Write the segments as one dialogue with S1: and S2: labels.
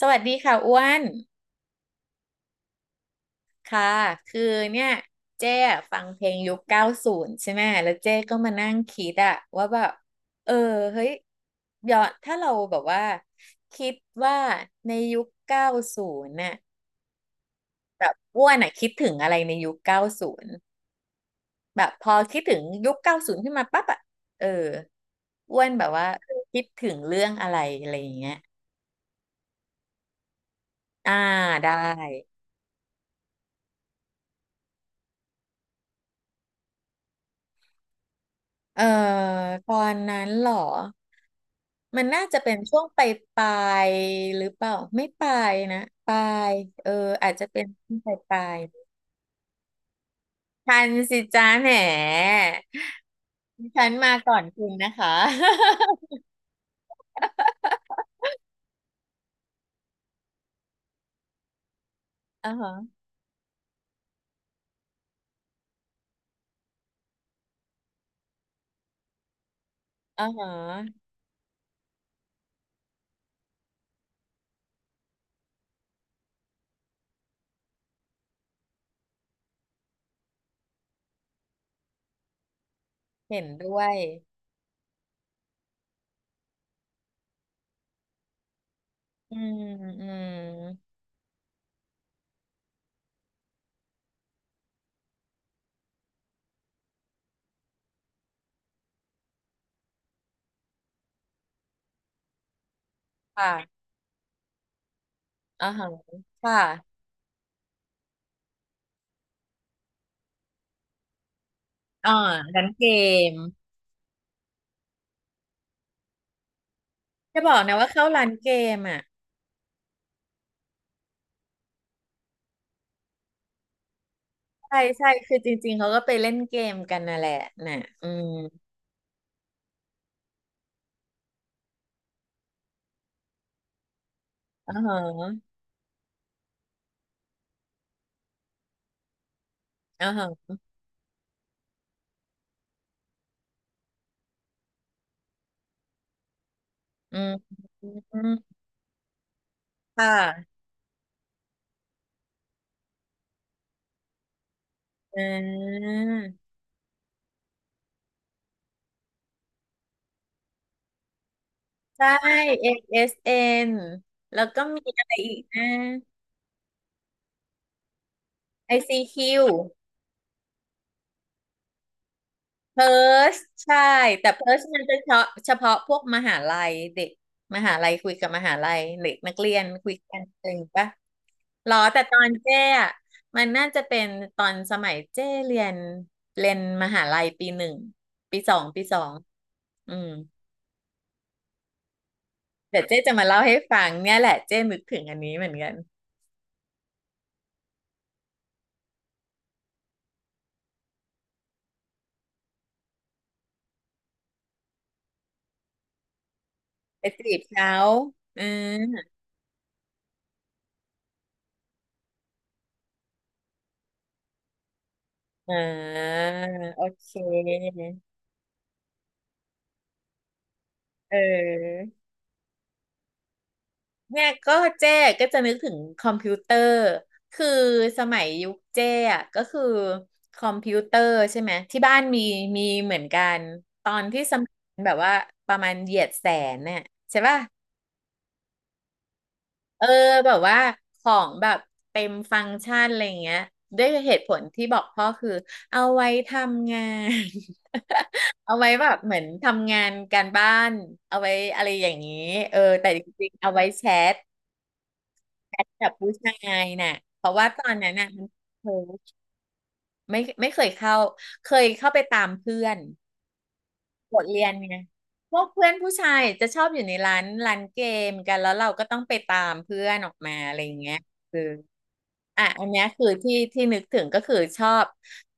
S1: สวัสดีค่ะอ้วนค่ะคือเนี่ยเจ๊อะฟังเพลงยุคเก้าศูนย์ใช่ไหมแล้วเจ๊ก็มานั่งคิดอะว่าแบบเออเฮ้ยย้อนถ้าเราแบบว่าคิดว่าในยุคเก้าศูนย์น่ะแบบอ้วนอะคิดถึงอะไรในยุคเก้าศูนย์แบบพอคิดถึงยุคเก้าศูนย์ขึ้นมาปั๊บอะเอออ้วนแบบว่าคิดถึงเรื่องอะไรอะไรอย่างเงี้ยอ่าได้เออตอนนั้นเหรอ มันน่าจะเป็นช่วงปลายปลายหรือเปล่าไม่ปลายนะปลายเอออาจจะเป็นช่วงปลายปลายทันสิจ้าแหมฉันมาก่อนคุณนะคะ อ่าฮะอ่าฮะเห็นด้วยอืมอืมค่ะอ่าฮะค่ะอ่าร้านเกมจะบอกนะว่าเข้าร้านเกมอ่ะใช่ใช่คือจริงๆเขาก็ไปเล่นเกมกันน่ะแหละน่ะอืมอ๋อฮะอ๋อฮะอืมอืมค่ะ อ่าใช่ ASN แล้วก็มีอะไรอีกนะไอซีคิ c เพ e r ์ชใช่แต่เพ e ร์ชมันจะเฉพาะเฉพาะพวกมหาลัยเด็กมหาลัยคุยกับมหาลัยเด็กนักเรียนคุยกันเองปะหรอแต่ตอนเจ้อะมันน่าจะเป็นตอนสมัยเจ้เรียนเรียนมหาลัยปีหนึ่งปีสองปีสองอืมเดี๋ยวเจ้จะมาเล่าให้ฟังเนี่ยแหละเจ้นึกถึงอันนี้เหมือนกันไปจีบเขาอืม อ่าโอเคเออเนี่ยก็เจ๊ก็จะนึกถึงคอมพิวเตอร์คือสมัยยุคเจ๊อะก็คือคอมพิวเตอร์ใช่ไหมที่บ้านมีมีเหมือนกันตอนที่สมัยแบบว่าประมาณเหยียดแสนเนี่ยใช่ป่ะ เออแบบว่าของแบบเต็มฟังก์ชันอะไรเงี้ยด้วยเหตุผลที่บอกพ่อคือเอาไว้ทำงาน เอาไว้แบบเหมือนทำงานการบ้านเอาไว้อะไรอย่างนี้แต่จริงๆเอาไว้แชทแชทกับผู้ชายน่ะเพราะว่าตอนนั้นน่ะมันเพิร์ชไม่เคยเข้าเคยเข้าไปตามเพื่อน บทเรียนไงพวกเพื่อนผู้ชายจะชอบอยู่ในร้านเกมกัน แล้วเราก็ต้องไปตามเพื่อนออกมาอะไรอย่างเงี้ยคืออ่ะอันเนี้ยคือที่นึกถึงก็คือชอบ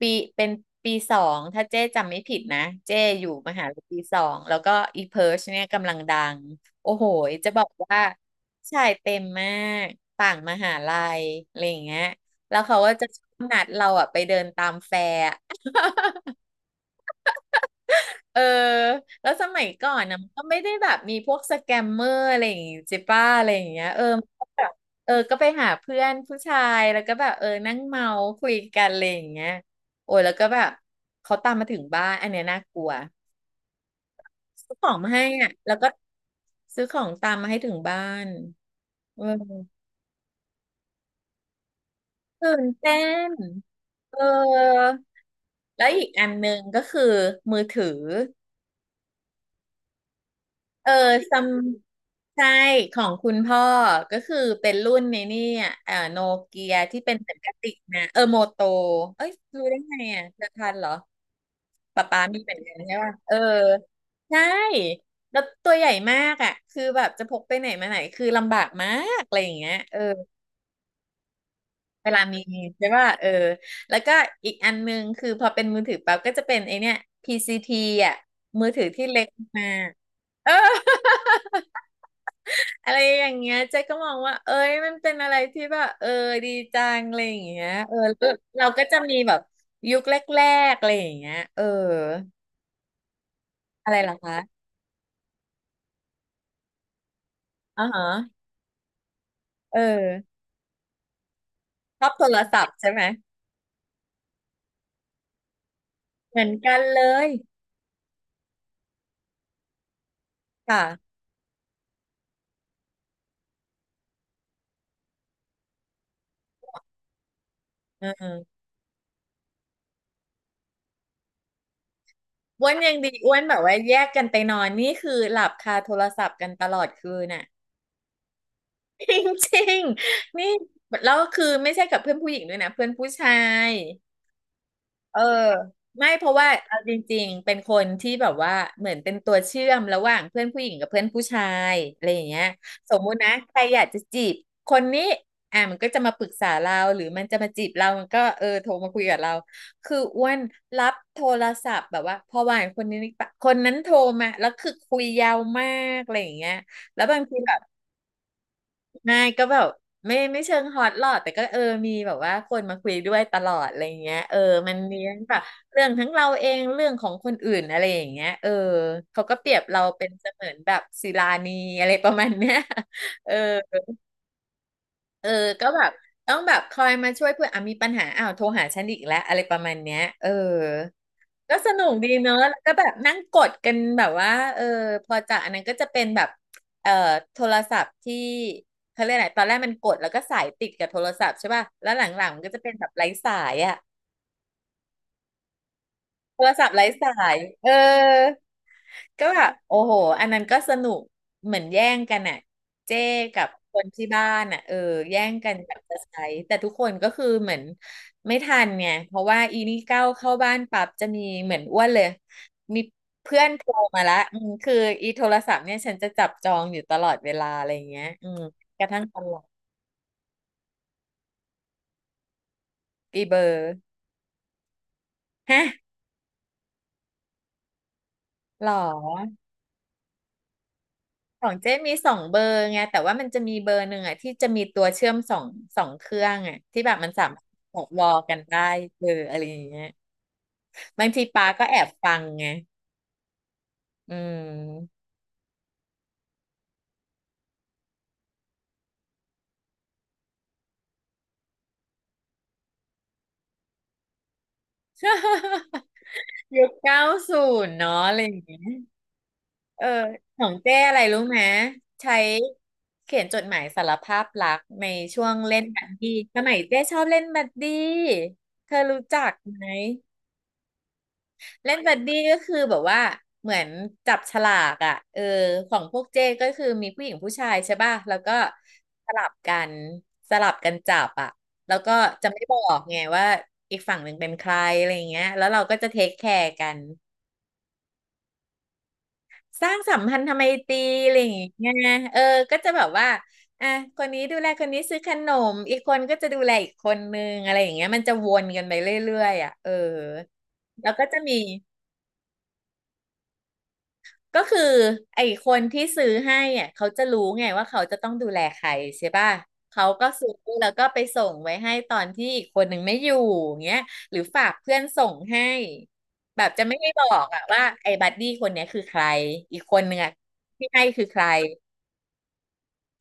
S1: ปีเป็นปีสองถ้าเจ๊จำไม่ผิดนะเจ๊อยู่มหาลัยปีสองแล้วก็อีเพิร์ชเนี่ยกำลังดังโอ้โหจะบอกว่าชายเต็มมากต่างมหาลัยอะไรอย่างเงี้ยแล้วเขาก็จะชอบนัดเราอ่ะไปเดินตามแฟร์ เออ แล้วสมัยก่อนนะมันก็ไม่ได้แบบมีพวกสแกมเมอร์อะไรอย่างงี้จิป้าอะไรอย่างเงี้ยมันก็แบบก็ไปหาเพื่อนผู้ชายแล้วก็แบบนั่งเมาคุยกันอะไรอย่างเงี้ยโอ้ยแล้วก็แบบเขาตามมาถึงบ้านอันเนี้ยน่ากลัวซื้อของมาให้อ่ะแล้วก็ซื้อของตามมาให้ถึงบ้านเออตื่นเต้นเออแล้วอีกอันหนึ่งก็คือมือถือ เออซัมใช่ของคุณพ่อก็คือเป็นรุ่นในนี่อ่ะโนเกียที่เป็นเหมือนกระติกนะ โมโตเอ้ยรู้ได้ไงอ่ะเธอทันเหรอป๊าป๊ามีเหมือนกันใช่ป่ะใช่แล้วตัวใหญ่มากอ่ะคือแบบจะพกไปไหนมาไหนคือลำบากมากอะไรอย่างเงี้ยเวลามีใช่ป่ะแล้วก็อีกอันนึงคือพอเป็นมือถือปั๊บก็จะเป็นไอเนี้ย PCT อ่ะมือถือที่เล็กมากเออ อะไรอย่างเงี้ยเจ๊ก็มองว่าเอ้ยมันเป็นอะไรที่แบบดีจังอะไรอย่างเงี้ยแล้วเราก็จะมีแบบยุคแรกๆอะไรอย่างเงี้ยอะไรล่ะคะอ๋อฮะเออชอบโทรศัพท์ใช่ไหมเหมือนกันเลยค่ะเอออ้วนยังดีอ้วนแบบว่าแยกกันไปนอนนี่คือหลับคาโทรศัพท์กันตลอดคืนน่ะ จริงๆนี่แล้วคือไม่ใช่กับเพื่อนผู้หญิงด้วยนะเพื่อนผู้ชาย เออไม่เพราะว่าเอาจริงๆเป็นคนที่แบบว่าเหมือนเป็นตัวเชื่อมระหว่างเพื่อนผู้หญิงกับเพื่อนผู้ชายอะไรอย่างเงี้ยสมมุตินะใครอยากจะจีบคนนี้อ่ะมันก็จะมาปรึกษาเราหรือมันจะมาจีบเรามันก็โทรมาคุยกับเราคืออ้วนรับโทรศัพท์แบบว่าพอวานคนนี้ปะคนนั้นโทรมาแล้วคือคุยยาวมากอะไรอย่างเงี้ยแล้วบางทีแบบ ไม่ก็แบบไม่เชิงฮอตหรอกแต่ก็มีแบบว่าคนมาคุยด้วยตลอดอะไรเงี้ยมันมีทั้งแบบเรื่องทั้งเราเองเรื่องของคนอื่นอะไรอย่างเงี้ยเขาก็เปรียบเราเป็นเสมือนแบบศิลานีอะไรประมาณเนี้ย เออเออก็แบบต้องแบบคอยมาช่วยเพื่อนอ่ะมีปัญหาอ้าวโทรหาฉันอีกแล้วอะไรประมาณเนี้ยเออ ก็สนุกดีเนอะ แล้วก็แบบนั่งกดกันแบบว่า เออ พอจะอันนั้นก็จะเป็นแบบ เอ่อโทรศัพท์ที่เขาเรียกอะไรตอนแรกมันกดแล้วก็สายติดกับโทรศัพท์ใช่ป่ะแล้วหลังๆมันก็จะเป็นแบบไร้สายอ่ะ โทรศัพท์ไร้สายเออก็แบบโอ้โหอันนั้นก็สนุกเหมือนแย่งกันอ่ะเจ้กับคนที่บ้านอ่ะเออแย่งกันแบบจะใช้แต่ทุกคนก็คือเหมือนไม่ทันไงเพราะว่าอีนี่เก้าวเข้าบ้านปั๊บจะมีเหมือนอ้วนเลยมีเพื่อนโทรมาละอืมคืออีโทรศัพท์เนี่ยฉันจะจับจองอยู่ตลอดเวลาอะไรอย่างเงี้ยอืมกระทั่งตอนหลังปีเบอร์ฮะหรอ ของเจ๊มีสองเบอร์ไงแต่ว่ามันจะมีเบอร์หนึ่งอ่ะที่จะมีตัวเชื่อมสองเครื่องอ่ะที่แบบมันสามารถบอกวอลกันได้เอออะไรอย่างเงี้ยบางทีปาก็แอบฟังไงอืม ยุคเก้าศูนย์เนาะอะไรอย่างเงี้ยเออของเจ๊อะไรรู้ไหมใช้เขียนจดหมายสารภาพรักในช่วงเล่นบัดดี้สมัยเจ๊ชอบเล่นบัดดี้เธอรู้จักไหม เล่นบัดดี้ก็คือแบบว่าเหมือนจับฉลากอ่ะเออของพวกเจ้ก็คือมีผู้หญิงผู้ชายใช่ป่ะแล้วก็สลับกันสลับกันจับอ่ะแล้วก็จะไม่บอกไงว่าอีกฝั่งหนึ่งเป็นใครอะไรอย่างเงี้ยแล้วเราก็จะเทคแคร์กันสร้างสัมพันธไมตรีอะไรอย่างเงี้ยเออก็จะแบบว่าอ่ะคนนี้ดูแลคนนี้ซื้อขนมอีกคนก็จะดูแลอีกคนนึงอะไรอย่างเงี้ยมันจะวนกันไปเรื่อยๆอ่ะเออแล้วก็จะมี ก็คือไอ้คนที่ซื้อให้อ่ะเขาจะรู้ไงว่าเขาจะต้องดูแลใครใช่ป่ะเขาก็ซื้อแล้วก็ไปส่งไว้ให้ตอนที่อีกคนหนึ่งไม่อยู่อย่างเงี้ยหรือฝากเพื่อนส่งให้แบบจะไม่ได้บอกอะว่าไอ้บัดดี้คนเนี้ยคือใครอีกคนหนึ่งอะที่ให้คือใคร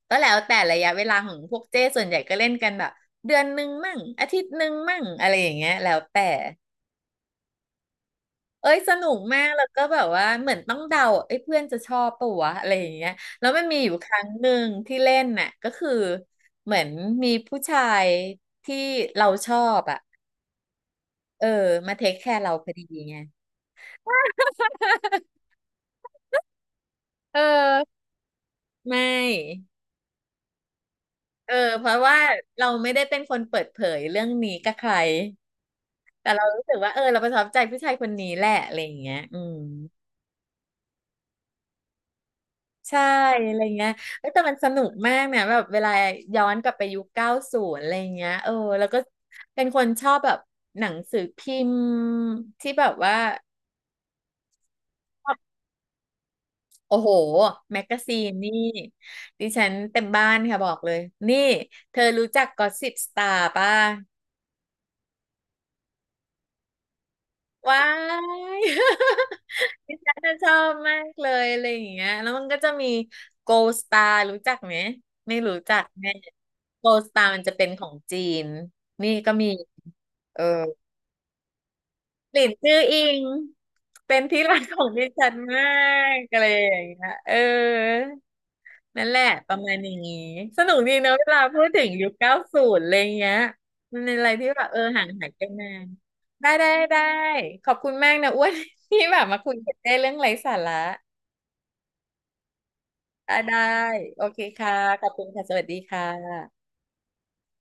S1: ก็แล้วแต่ระยะเวลาของพวกเจ้ส่วนใหญ่ก็เล่นกันแบบเดือนหนึ่งมั่งอาทิตย์หนึ่งมั่งอะไรอย่างเงี้ยแล้วแต่ เอ้ยสนุกมากแล้วก็แบบว่าเหมือนต้องเดาเอ้ยเพื่อนจะชอบปะวะอะไรอย่างเงี้ยแล้วมันมีอยู่ครั้งหนึ่งที่เล่นน่ะก็คือเหมือนมีผู้ชายที่เราชอบอ่ะเออมาเทคแคร์เราพอดีไง เออไม่เออเพราะว่าเราไม่ได้เป็นคนเปิดเผยเรื่องนี้กับใครแต่เรารู้สึกว่าเออเราประทับใจผู้ชายคนนี้แหละอะไรอย่างเงี้ยอืม ใช่อะไรเงี้ยเอ้ยแต่มันสนุกมากเนี่ยแบบเวลาย้อนกลับไปยุคเก้าศูนย์อะไรเงี้ยเออ แล้วก็เป็นคนชอบแบบหนังสือพิมพ์ที่แบบว่า โอ้โห แมกกาซีนนี่ดิฉันเต็มบ้านค่ะบอกเลย นี่เธอรู้จักกอสซิปสตาร์ป่ะ ว้าย ดิฉันน่ะชอบมากเลยอะไรอย่างเงี้ยแล้วมันก็จะมี Gold Star รู้จักไหมไม่รู้จักแน่ Gold Star มันจะเป็นของจีนนี่ก็มีเออ หลินจื้ออิงเป็นที่รักของดิฉันมากอะไรอย่างเงี้ยเออ นั่นแหละประมาณอย่างี้สนุกดีเนอะเวลาพูดถึงยุคเก้าศูนย์อะไรเงี้ยมันเป็นอะไรที่แบบเออห่างหายไปนานได้ได้ได้ขอบคุณมากนะอ้วน ที่แบบมาคุยกันได้เรื่องไร้สาระอ่ะได้โอเคค่ะขอบคุณค่ะสวัสดีค่ะ